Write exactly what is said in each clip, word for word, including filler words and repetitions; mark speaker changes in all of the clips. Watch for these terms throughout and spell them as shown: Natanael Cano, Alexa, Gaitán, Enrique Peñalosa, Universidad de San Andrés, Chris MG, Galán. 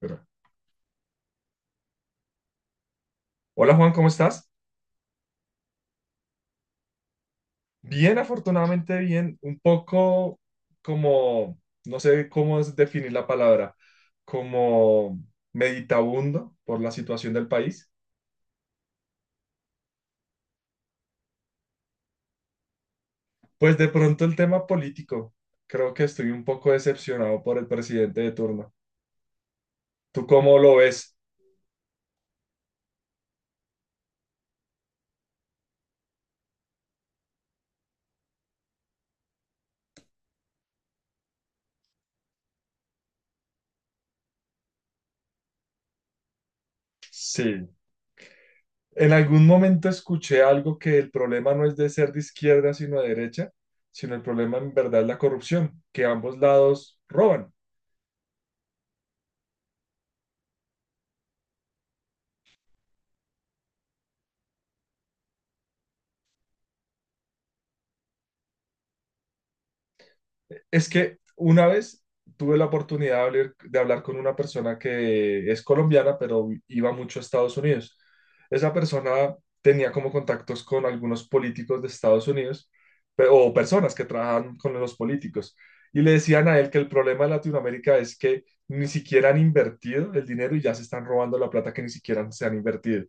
Speaker 1: Pero- Hola Juan, ¿cómo estás? Bien, afortunadamente bien, un poco como, no sé cómo es definir la palabra, como meditabundo por la situación del país. Pues de pronto el tema político, creo que estoy un poco decepcionado por el presidente de turno. ¿Tú cómo lo ves? Sí. En algún momento escuché algo que el problema no es de ser de izquierda sino de derecha, sino el problema en verdad es la corrupción, que ambos lados roban. Es que una vez tuve la oportunidad de hablar, de hablar con una persona que es colombiana, pero iba mucho a Estados Unidos. Esa persona tenía como contactos con algunos políticos de Estados Unidos pe- o personas que trabajan con los políticos. Y le decían a él que el problema de Latinoamérica es que ni siquiera han invertido el dinero y ya se están robando la plata que ni siquiera se han invertido.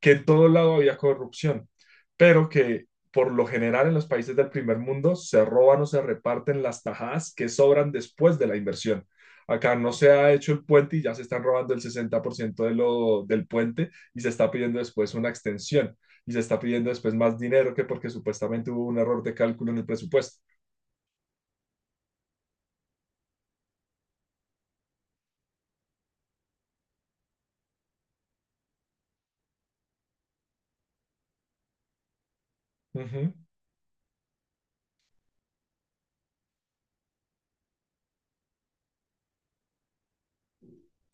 Speaker 1: Que en todo lado había corrupción, pero que por lo general en los países del primer mundo se roban o se reparten las tajadas que sobran después de la inversión. Acá no se ha hecho el puente y ya se están robando el sesenta por ciento de lo, del puente y se está pidiendo después una extensión y se está pidiendo después más dinero que porque supuestamente hubo un error de cálculo en el presupuesto. Ujú.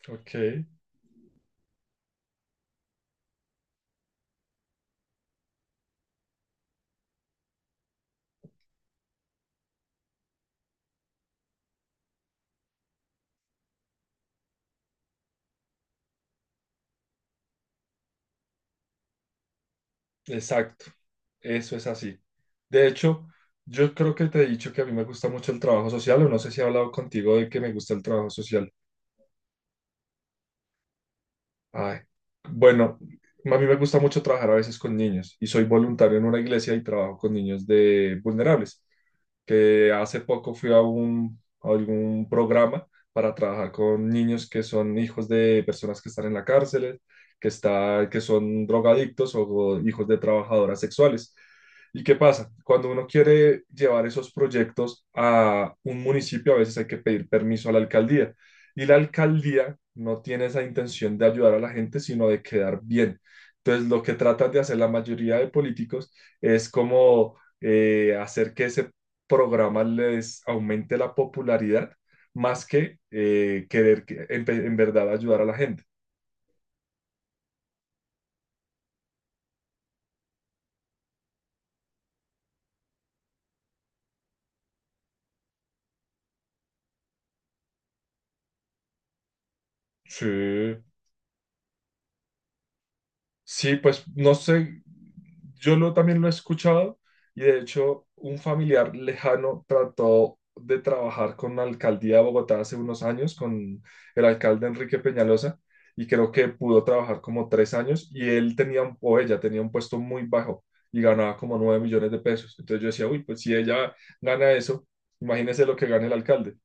Speaker 1: Ok. Exacto. Eso es así. De hecho, yo creo que te he dicho que a mí me gusta mucho el trabajo social, o no sé si he hablado contigo de que me gusta el trabajo social. Ay, bueno, a mí me gusta mucho trabajar a veces con niños y soy voluntario en una iglesia y trabajo con niños de vulnerables, que hace poco fui a un, a algún programa para trabajar con niños que son hijos de personas que están en la cárcel, que, está, que son drogadictos o, o hijos de trabajadoras sexuales. ¿Y qué pasa? Cuando uno quiere llevar esos proyectos a un municipio, a veces hay que pedir permiso a la alcaldía. Y la alcaldía no tiene esa intención de ayudar a la gente, sino de quedar bien. Entonces, lo que tratan de hacer la mayoría de políticos es como eh, hacer que ese programa les aumente la popularidad más que eh, querer que- en, en verdad ayudar a la gente. Sí. Sí, pues no sé, yo lo, también lo he escuchado, y de hecho un familiar lejano trató de trabajar con la alcaldía de Bogotá hace unos años, con el alcalde Enrique Peñalosa, y creo que pudo trabajar como tres años y él tenía, un- o ella tenía un puesto muy bajo y ganaba como nueve millones de pesos. Entonces yo decía, uy, pues si ella gana eso, imagínese lo que gana el alcalde.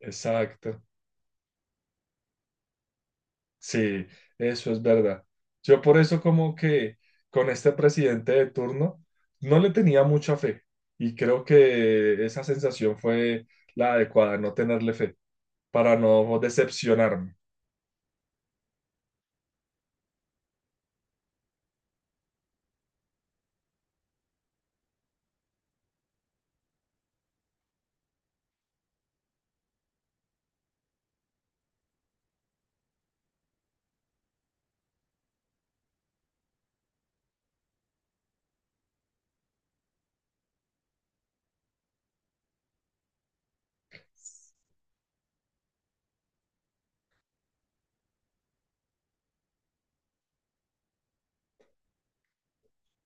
Speaker 1: Exacto. Sí, eso es verdad. Yo por eso como que con este presidente de turno no le tenía mucha fe, y creo que esa sensación fue la adecuada, no tenerle fe para no decepcionarme.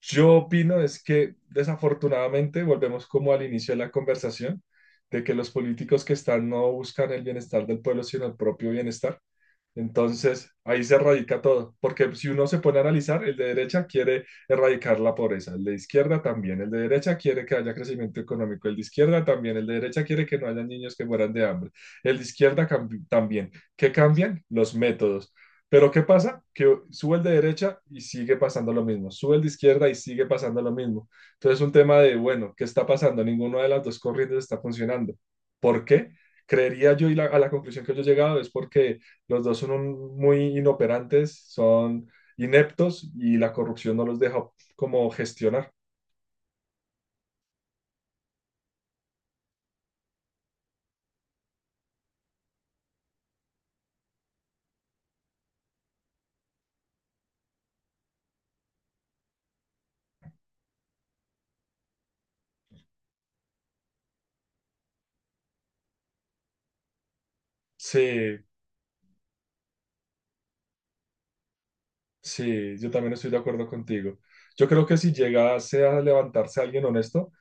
Speaker 1: Yo opino es que desafortunadamente volvemos como al inicio de la conversación, de que los políticos que están no buscan el bienestar del pueblo, sino el propio bienestar. Entonces, ahí se erradica todo, porque si uno se pone a analizar, el de derecha quiere erradicar la pobreza, el de izquierda también, el de derecha quiere que haya crecimiento económico, el de izquierda también, el de derecha quiere que no haya niños que mueran de hambre, el de izquierda cam- también. ¿Qué cambian? Los métodos. Pero ¿qué pasa? Que sube el de derecha y sigue pasando lo mismo, sube el de izquierda y sigue pasando lo mismo. Entonces, un tema de, bueno, ¿qué está pasando? Ninguna de las dos corrientes está funcionando. ¿Por qué? Creería yo, y la- a la conclusión que yo he llegado es porque los dos son un- muy inoperantes, son ineptos, y la corrupción no los deja como gestionar. Sí, sí, yo también estoy de acuerdo contigo. Yo creo que si llegase a levantarse alguien honesto,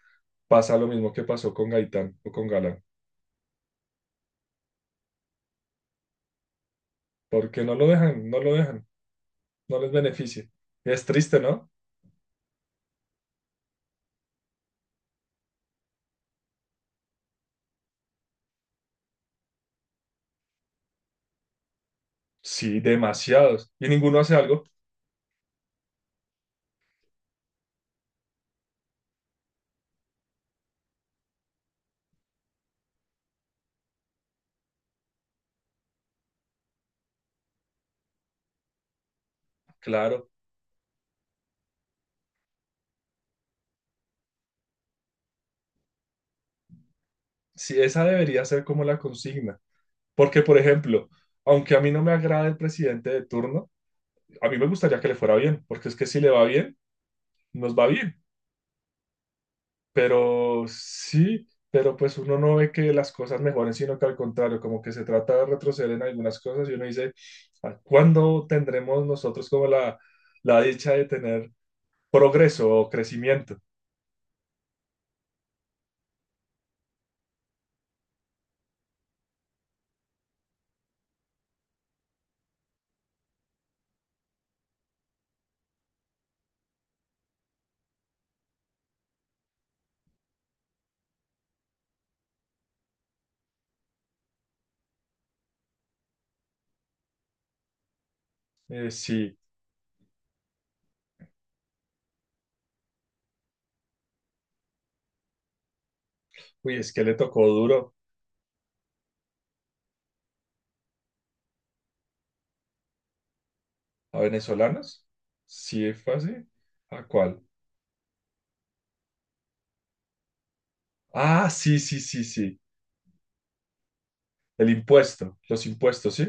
Speaker 1: pasa lo mismo que pasó con Gaitán o con Galán, porque no lo dejan, no lo dejan, no les beneficia. Es triste, ¿no? Sí, demasiados. ¿Y ninguno hace algo? Claro. Sí, esa debería ser como la consigna. Porque, por ejemplo, aunque a mí no me agrade el presidente de turno, a mí me gustaría que le fuera bien, porque es que si le va bien, nos va bien. Pero sí, pero pues uno no ve que las cosas mejoren, sino que al contrario, como que se trata de retroceder en algunas cosas, y uno dice: "¿A ¿cuándo tendremos nosotros como la, la dicha de tener progreso o crecimiento?". Eh, sí, uy, es que le tocó duro a venezolanos. Sí, fue así. ¿A cuál? Ah, sí, sí, sí, sí. El impuesto, los impuestos, ¿sí?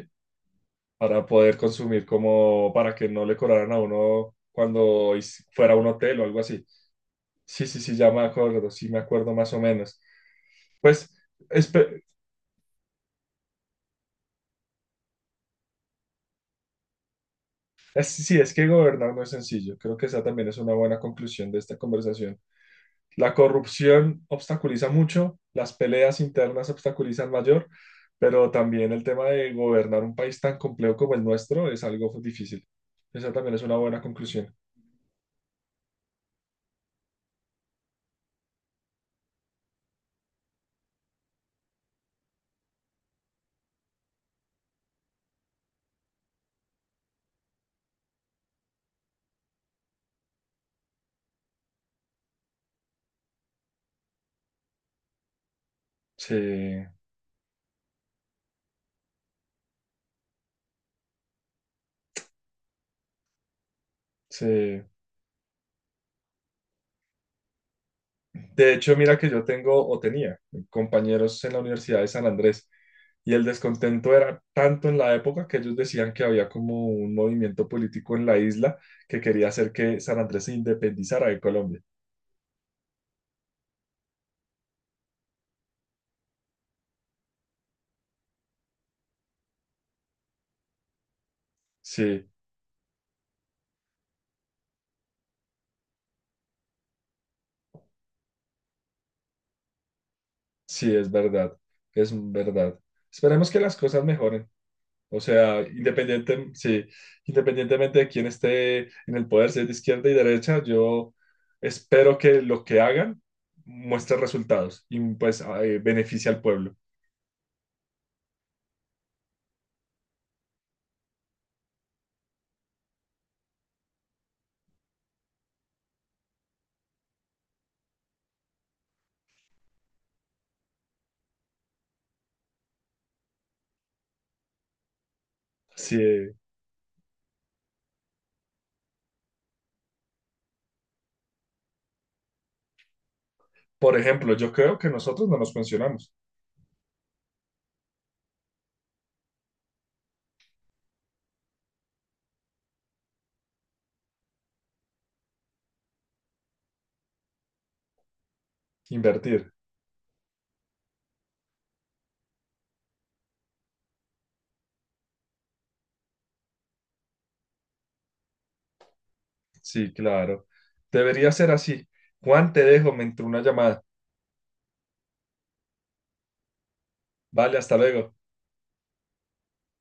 Speaker 1: Para poder consumir, como para que no le cobraran a uno cuando is- fuera a un hotel o algo así. Sí, sí, sí, ya me acuerdo, sí me acuerdo más o menos. Pues espe- es- sí, es que gobernar no es sencillo. Creo que esa también es una buena conclusión de esta conversación. La corrupción obstaculiza mucho, las peleas internas obstaculizan mayor, pero también el tema de gobernar un país tan complejo como el nuestro es algo difícil. Esa también es una buena conclusión. Sí, sí. De hecho, mira que yo tengo o tenía compañeros en la Universidad de San Andrés, y el descontento era tanto en la época que ellos decían que había como un movimiento político en la isla que quería hacer que San Andrés se independizara de Colombia. Sí, sí, es verdad, es verdad. Esperemos que las cosas mejoren. O sea, independiente, sí, independientemente de quién esté en el poder, si es de izquierda y derecha, yo espero que lo que hagan muestre resultados, y pues eh, beneficie al pueblo. Sí, por ejemplo, yo creo que nosotros no nos mencionamos. Invertir. Sí, claro. Debería ser así. Juan, te dejo, me entró una llamada. Vale, hasta luego.